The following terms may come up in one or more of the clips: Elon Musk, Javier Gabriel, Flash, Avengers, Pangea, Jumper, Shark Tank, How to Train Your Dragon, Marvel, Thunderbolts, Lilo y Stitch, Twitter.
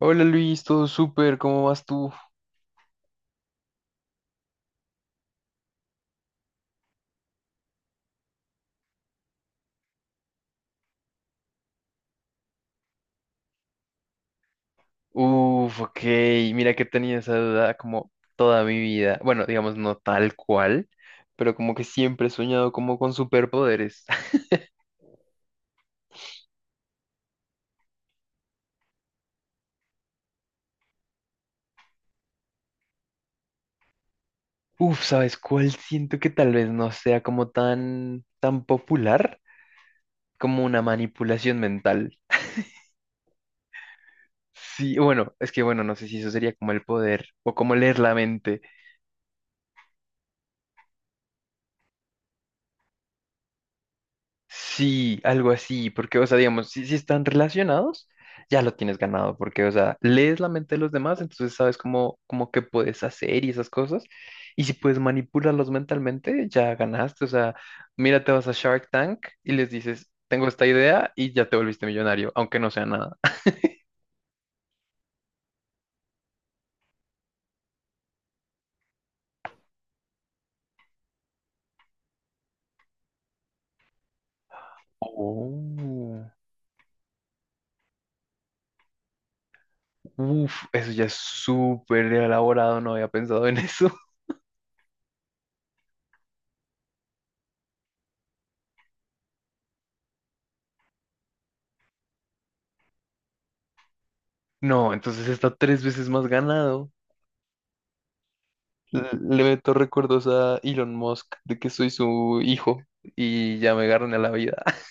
Hola Luis, todo súper, ¿cómo vas tú? Uf, ok, mira que tenía esa duda como toda mi vida. Bueno, digamos no tal cual, pero como que siempre he soñado como con superpoderes. Uf, ¿sabes cuál? Siento que tal vez no sea como tan popular como una manipulación mental. Sí, bueno, es que bueno, no sé si eso sería como el poder o como leer la mente. Sí, algo así, porque, o sea, digamos, si están relacionados, ya lo tienes ganado, porque, o sea, lees la mente de los demás, entonces sabes cómo que puedes hacer y esas cosas, y si puedes manipularlos mentalmente, ya ganaste, o sea, mira, te vas a Shark Tank y les dices, tengo esta idea y ya te volviste millonario, aunque no sea nada. Oh, uf, eso ya es súper elaborado, no había pensado en eso. No, entonces está tres veces más ganado. Le meto recuerdos a Elon Musk de que soy su hijo y ya me agarran a la vida.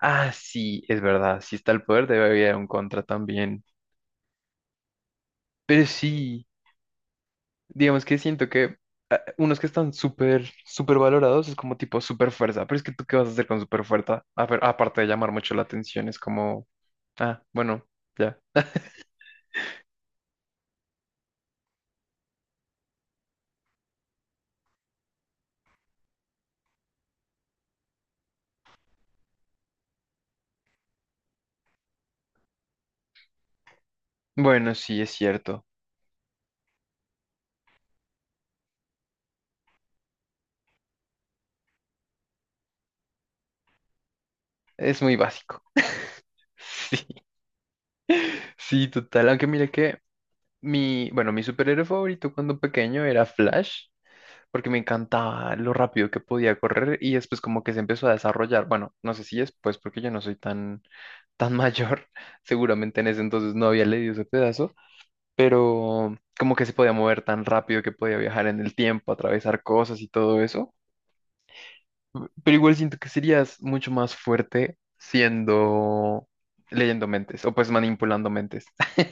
Ah, sí, es verdad. Si está el poder, debe haber un contra también. Pero sí, digamos que siento que unos que están súper valorados es como tipo super fuerza. Pero es que tú, ¿qué vas a hacer con super fuerza? A ver, aparte de llamar mucho la atención, es como, ah, bueno, ya. Bueno, sí, es cierto. Es muy básico. Sí, sí, total. Aunque mira que. Mi, bueno, mi superhéroe favorito cuando pequeño era Flash, porque me encantaba lo rápido que podía correr y después como que se empezó a desarrollar. Bueno, no sé si después, porque yo no soy tan mayor, seguramente en ese entonces no había leído ese pedazo, pero como que se podía mover tan rápido que podía viajar en el tiempo, atravesar cosas y todo eso. Pero igual siento que serías mucho más fuerte siendo leyendo mentes o pues manipulando mentes.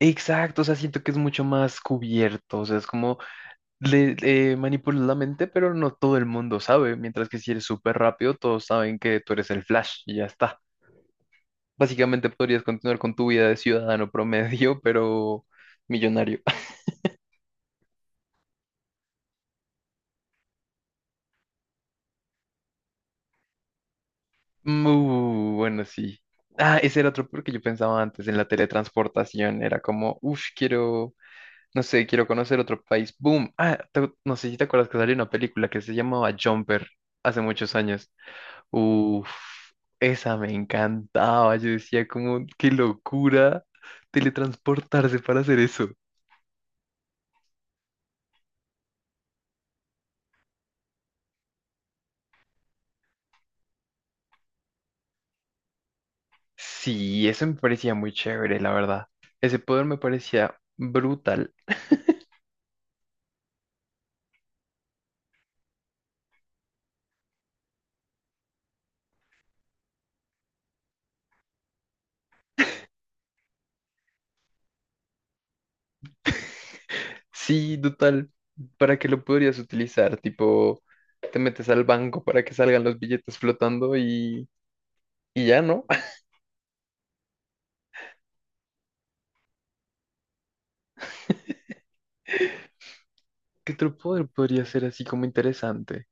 Exacto, o sea, siento que es mucho más cubierto, o sea, es como le manipulas la mente, pero no todo el mundo sabe, mientras que si eres súper rápido, todos saben que tú eres el Flash y ya está. Básicamente podrías continuar con tu vida de ciudadano promedio, pero millonario. Bueno, sí. Ah, ese era otro porque yo pensaba antes en la teletransportación. Era como, uff, quiero, no sé, quiero conocer otro país. Boom. Ah, te- no sé si te acuerdas que salió una película que se llamaba Jumper hace muchos años. Uf, esa me encantaba. Yo decía como, qué locura teletransportarse para hacer eso. Sí, eso me parecía muy chévere, la verdad. Ese poder me parecía brutal. Sí, total. ¿Para qué lo podrías utilizar? Tipo, te metes al banco para que salgan los billetes flotando y ya, ¿no? ¿Qué otro poder podría ser así como interesante?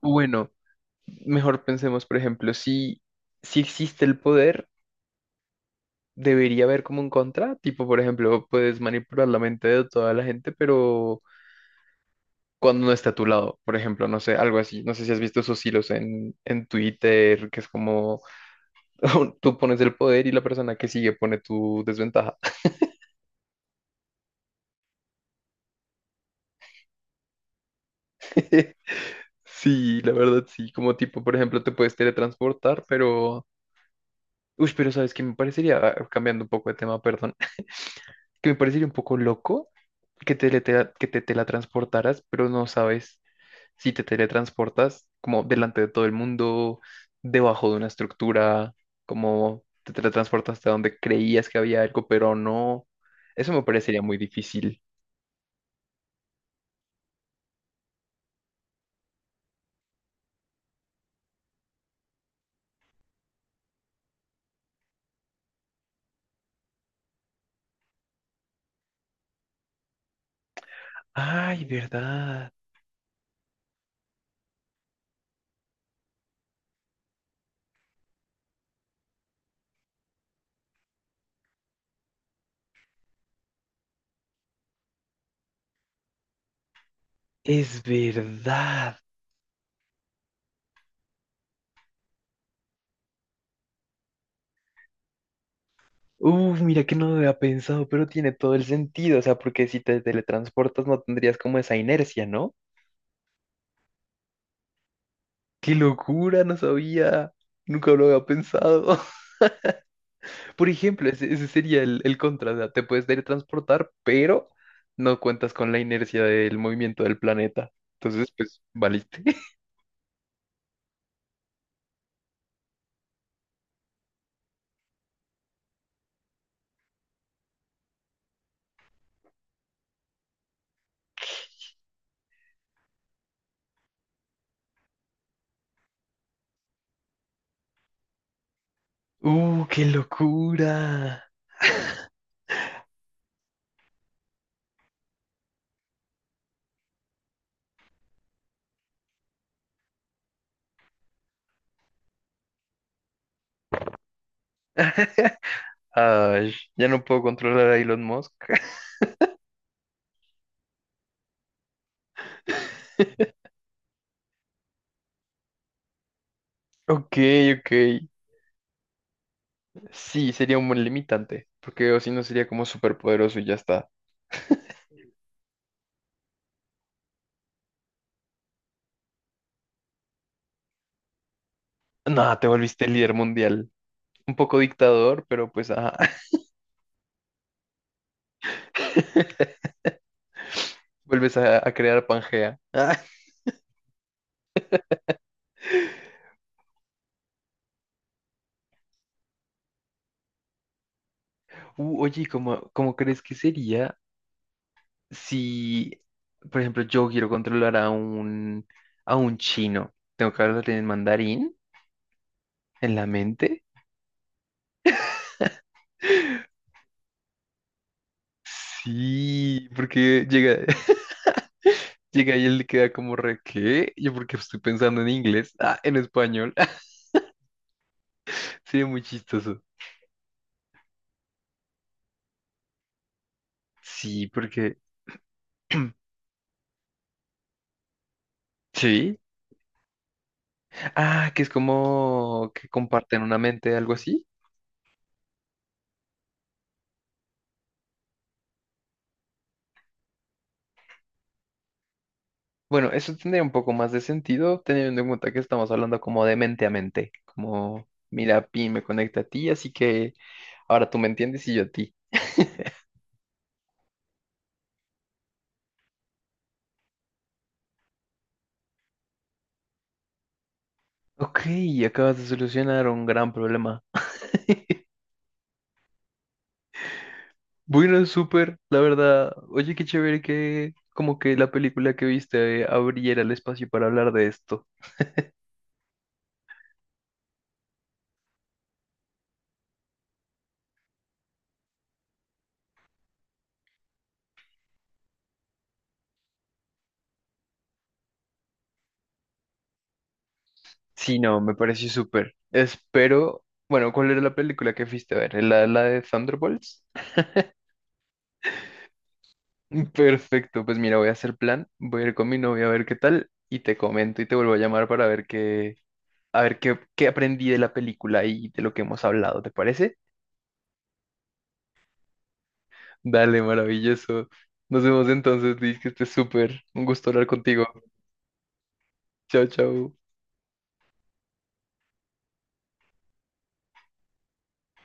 O bueno, mejor pensemos, por ejemplo, si, si existe el poder. Debería haber como un contra, tipo, por ejemplo, puedes manipular la mente de toda la gente, pero cuando no está a tu lado, por ejemplo, no sé, algo así, no sé si has visto esos hilos en Twitter, que es como tú pones el poder y la persona que sigue pone tu desventaja. Sí, la verdad, sí, como tipo, por ejemplo, te puedes teletransportar, pero... Uy, pero sabes que me parecería, ah, cambiando un poco de tema, perdón, que me parecería un poco loco que te, que te teletransportaras, pero no sabes. Si te teletransportas como delante de todo el mundo, debajo de una estructura, como te teletransportas a donde creías que había algo, pero no. Eso me parecería muy difícil. Ay, verdad. Es verdad. Mira que no lo había pensado, pero tiene todo el sentido. O sea, porque si te teletransportas no tendrías como esa inercia, ¿no? ¡Qué locura! No sabía. Nunca lo había pensado. Por ejemplo, ese sería el contra, o sea, te puedes teletransportar, pero no cuentas con la inercia del movimiento del planeta. Entonces, pues, valiste. ¡Uh, qué locura! Ay, ya no puedo controlar a Elon Musk. Ok, ok. Sí, sería un buen limitante, porque o si no sería como súper poderoso y ya está. Nada, te volviste líder mundial. Un poco dictador, pero pues, ajá. Vuelves a crear Pangea. Ah. Oye, ¿y cómo, cómo crees que sería? Si, por ejemplo, yo quiero controlar a un chino, tengo que hablar en mandarín, en la mente. Sí, porque llega, llega y él le queda como re, ¿qué? Yo porque estoy pensando en inglés, ah, en español. Sí, muy chistoso. Sí, porque, sí. Ah, que es como que comparten una mente, algo así. Bueno, eso tendría un poco más de sentido, teniendo en cuenta que estamos hablando como de mente a mente, como, mira, Pi me conecta a ti, así que ahora tú me entiendes y yo a ti. Ok, acabas de solucionar un gran problema. Bueno, súper, la verdad. Oye, qué chévere que como que la película que viste abriera el espacio para hablar de esto. Sí, no, me pareció súper. Espero, bueno, ¿cuál era la película que fuiste a ver? ¿La, la de Thunderbolts? Perfecto, pues mira, voy a hacer plan, voy a ir con mi novia a ver qué tal y te comento y te vuelvo a llamar para ver qué, a ver qué, qué aprendí de la película y de lo que hemos hablado, ¿te parece? Dale, maravilloso. Nos vemos entonces, Liz, que estés súper. Un gusto hablar contigo. Chao, chao.